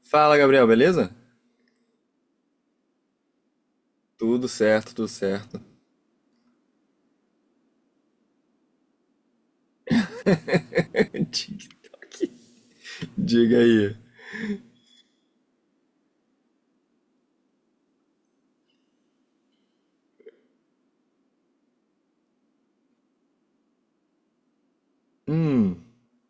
Fala, Gabriel, beleza? Tudo certo, tudo certo. TikTok. Diga aí. Hum,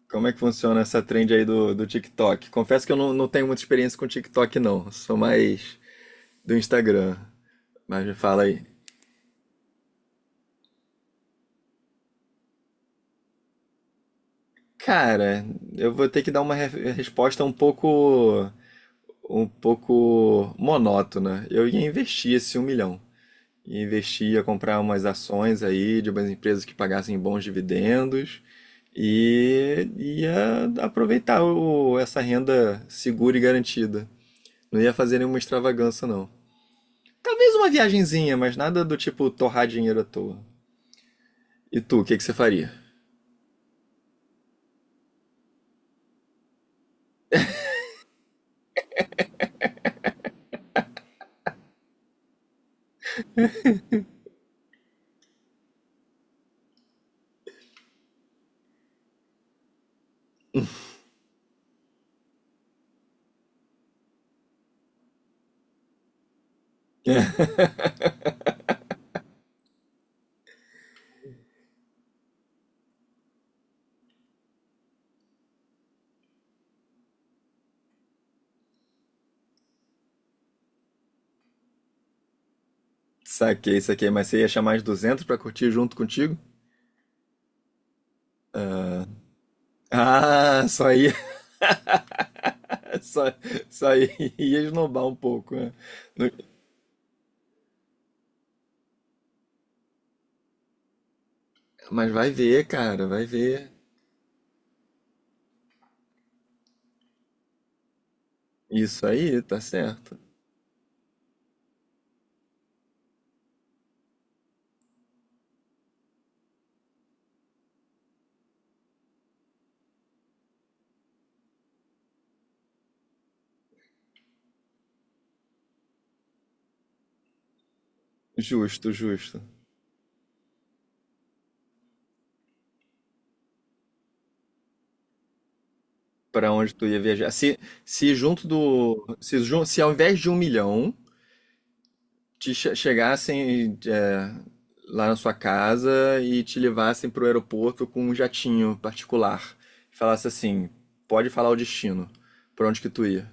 como é que funciona essa trend aí do TikTok? Confesso que eu não tenho muita experiência com TikTok, não. Sou mais do Instagram. Mas me fala aí. Cara, eu vou ter que dar uma resposta um pouco monótona. Eu ia investir esse 1 milhão. E investir, ia comprar umas ações aí de umas empresas que pagassem bons dividendos e ia aproveitar essa renda segura e garantida. Não ia fazer nenhuma extravagância, não. Talvez uma viagenzinha, mas nada do tipo torrar dinheiro à toa. E tu, o que que você faria? Saquei, mas você ia chamar as 200 pra curtir junto contigo? Ah, só ia, só, só ia esnobar um pouco, né? No- Mas vai ver, cara, vai ver. Isso aí, tá certo. Justo. Pra onde tu ia viajar? Se junto do. Se, jun- se ao invés de 1 milhão, chegassem é, lá na sua casa e te levassem pro aeroporto com um jatinho particular. E falasse assim: pode falar o destino. Pra onde que tu ia?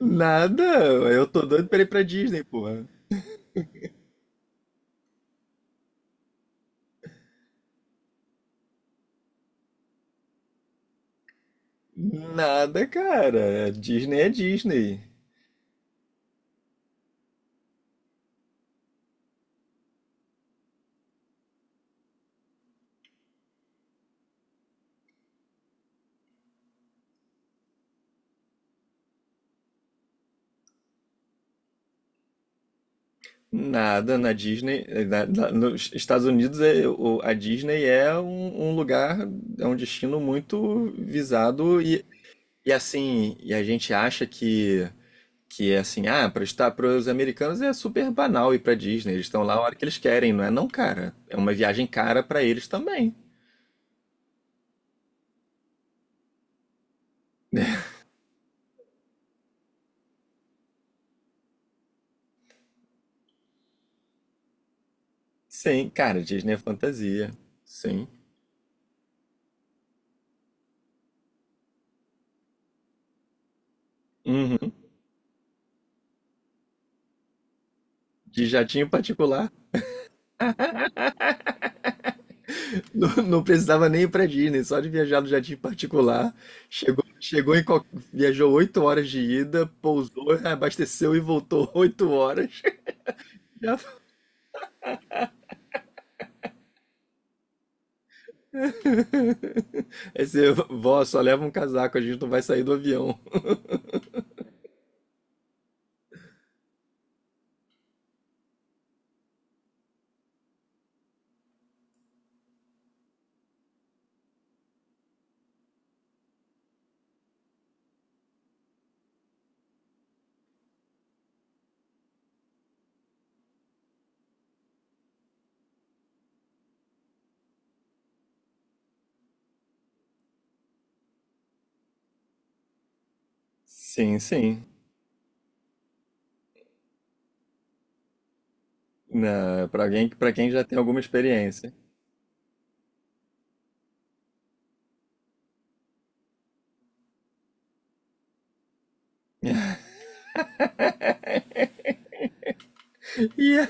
Nada, eu tô doido pra ir pra Disney, porra. Nada, cara. Disney é Disney. Nada na Disney, nos Estados Unidos é, a Disney é um lugar, é um destino muito visado e assim, e a gente acha que é assim, ah, para os americanos é super banal ir para Disney, eles estão lá a hora que eles querem, não é? Não, cara, é uma viagem cara para eles também. Né? Sim, cara, Disney é fantasia. Sim. Uhum. De jatinho particular. Não, não precisava nem ir pra Disney, só de viajar no jardim particular. Chegou, chegou em, qual- Viajou 8 horas de ida, pousou, abasteceu e voltou 8 horas. Já- Aí você, vó, só leva um casaco, a gente não vai sair do avião. Sim, sim. Na, pra alguém, para quem já tem alguma experiência. E é,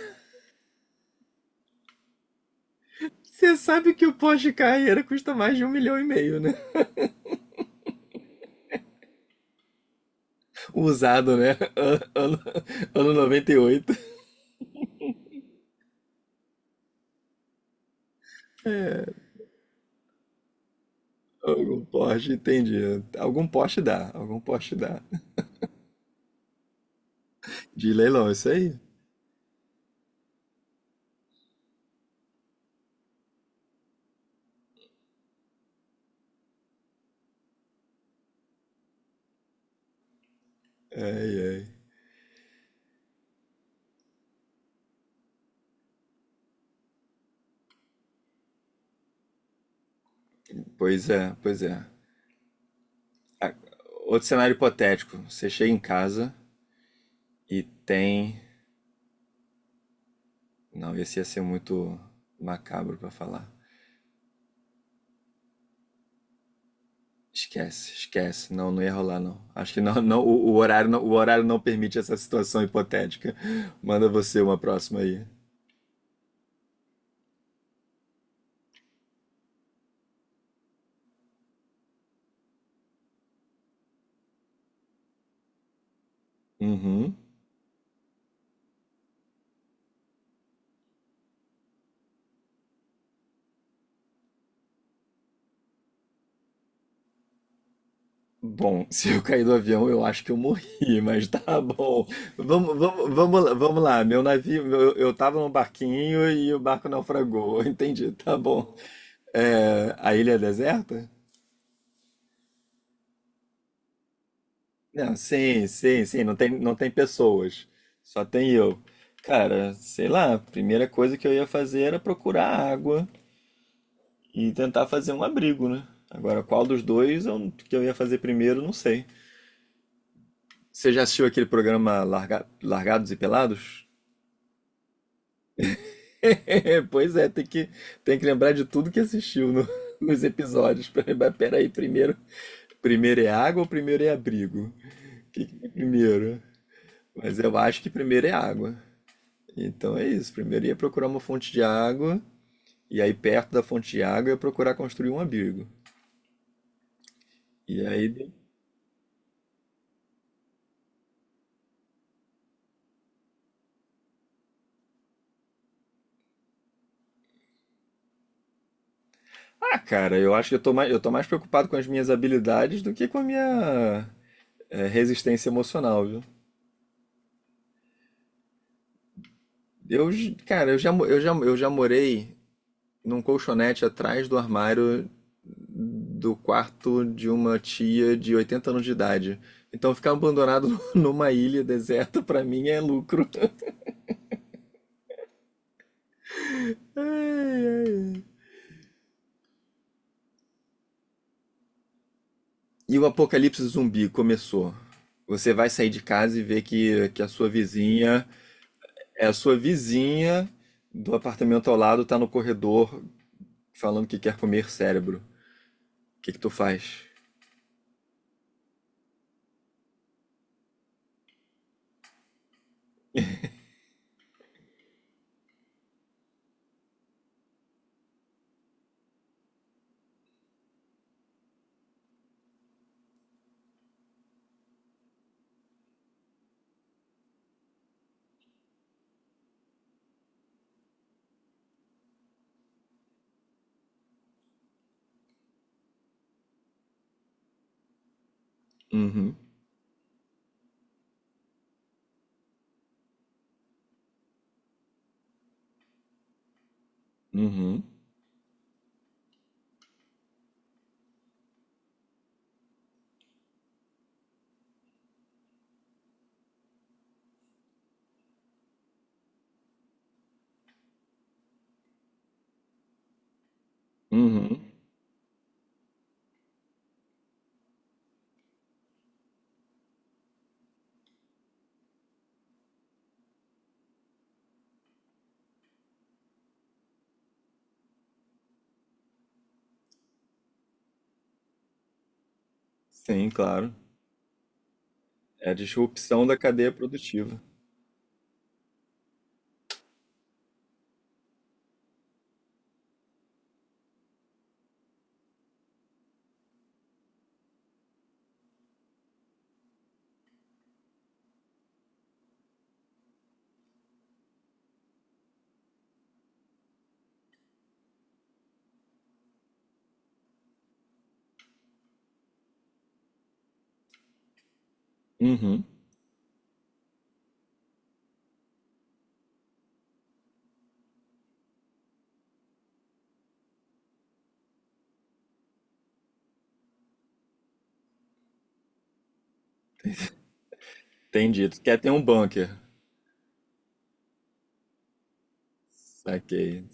você sabe que o pós-carreira custa mais de 1,5 milhão, né? Usado, né? Ano, ano 98. Algum Porsche, entendi. Algum Porsche dá. De leilão, isso aí. Ai, ai. Pois é. Ah, outro cenário hipotético. Você chega em casa e tem. Não, esse ia ser muito macabro pra falar. Esquece. Não, não ia rolar, não. Acho que não, o horário o horário não permite essa situação hipotética. Manda você uma próxima aí. Uhum. Bom, se eu cair do avião, eu acho que eu morri, mas tá bom. Vamos, vamos, vamos, vamos lá. Meu navio, eu tava num barquinho e o barco naufragou. Entendi, tá bom. É, a ilha é deserta? Não, sim, sim, sim. Não tem pessoas. Só tem eu. Cara, sei lá. A primeira coisa que eu ia fazer era procurar água e tentar fazer um abrigo, né? Agora, qual dos dois eu, que eu ia fazer primeiro, não sei. Você já assistiu aquele programa Largados e Pelados? Pois é, tem que lembrar de tudo que assistiu nos episódios, pra lembrar. Peraí, primeiro é água ou primeiro é abrigo? O que que é primeiro? Mas eu acho que primeiro é água. Então é isso. Primeiro ia procurar uma fonte de água, e aí perto da fonte de água eu ia procurar construir um abrigo. E aí de- Ah, cara, eu acho que eu tô mais preocupado com as minhas habilidades do que com a minha, é, resistência emocional, viu? Eu, j- cara, eu já, mo- eu já morei num colchonete atrás do armário do quarto de uma tia de 80 anos de idade. Então ficar abandonado numa ilha deserta pra mim é lucro. Ai, ai. E o apocalipse zumbi começou. Você vai sair de casa e ver que a sua vizinha é a sua vizinha do apartamento ao lado tá no corredor falando que quer comer cérebro. O que que tu faz? Uhum, uhum, uhum. Sim, claro. É a disrupção da cadeia produtiva. Uhum. Entendi. Tu quer ter um bunker. Saquei.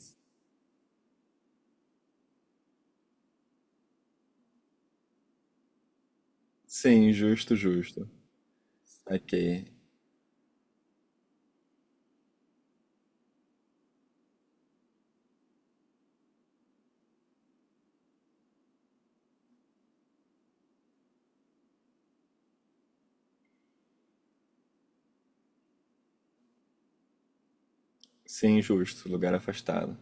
Sim, justo, justo. Saquei. Sim, justo. Lugar afastado.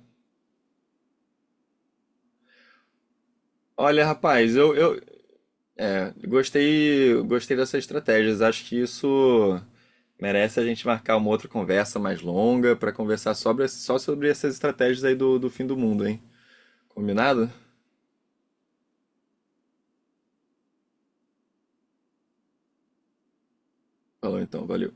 Olha, rapaz, eu é, gostei dessas estratégias. Acho que isso merece a gente marcar uma outra conversa mais longa para conversar sobre, só sobre essas estratégias aí do fim do mundo, hein? Combinado? Falou então, valeu.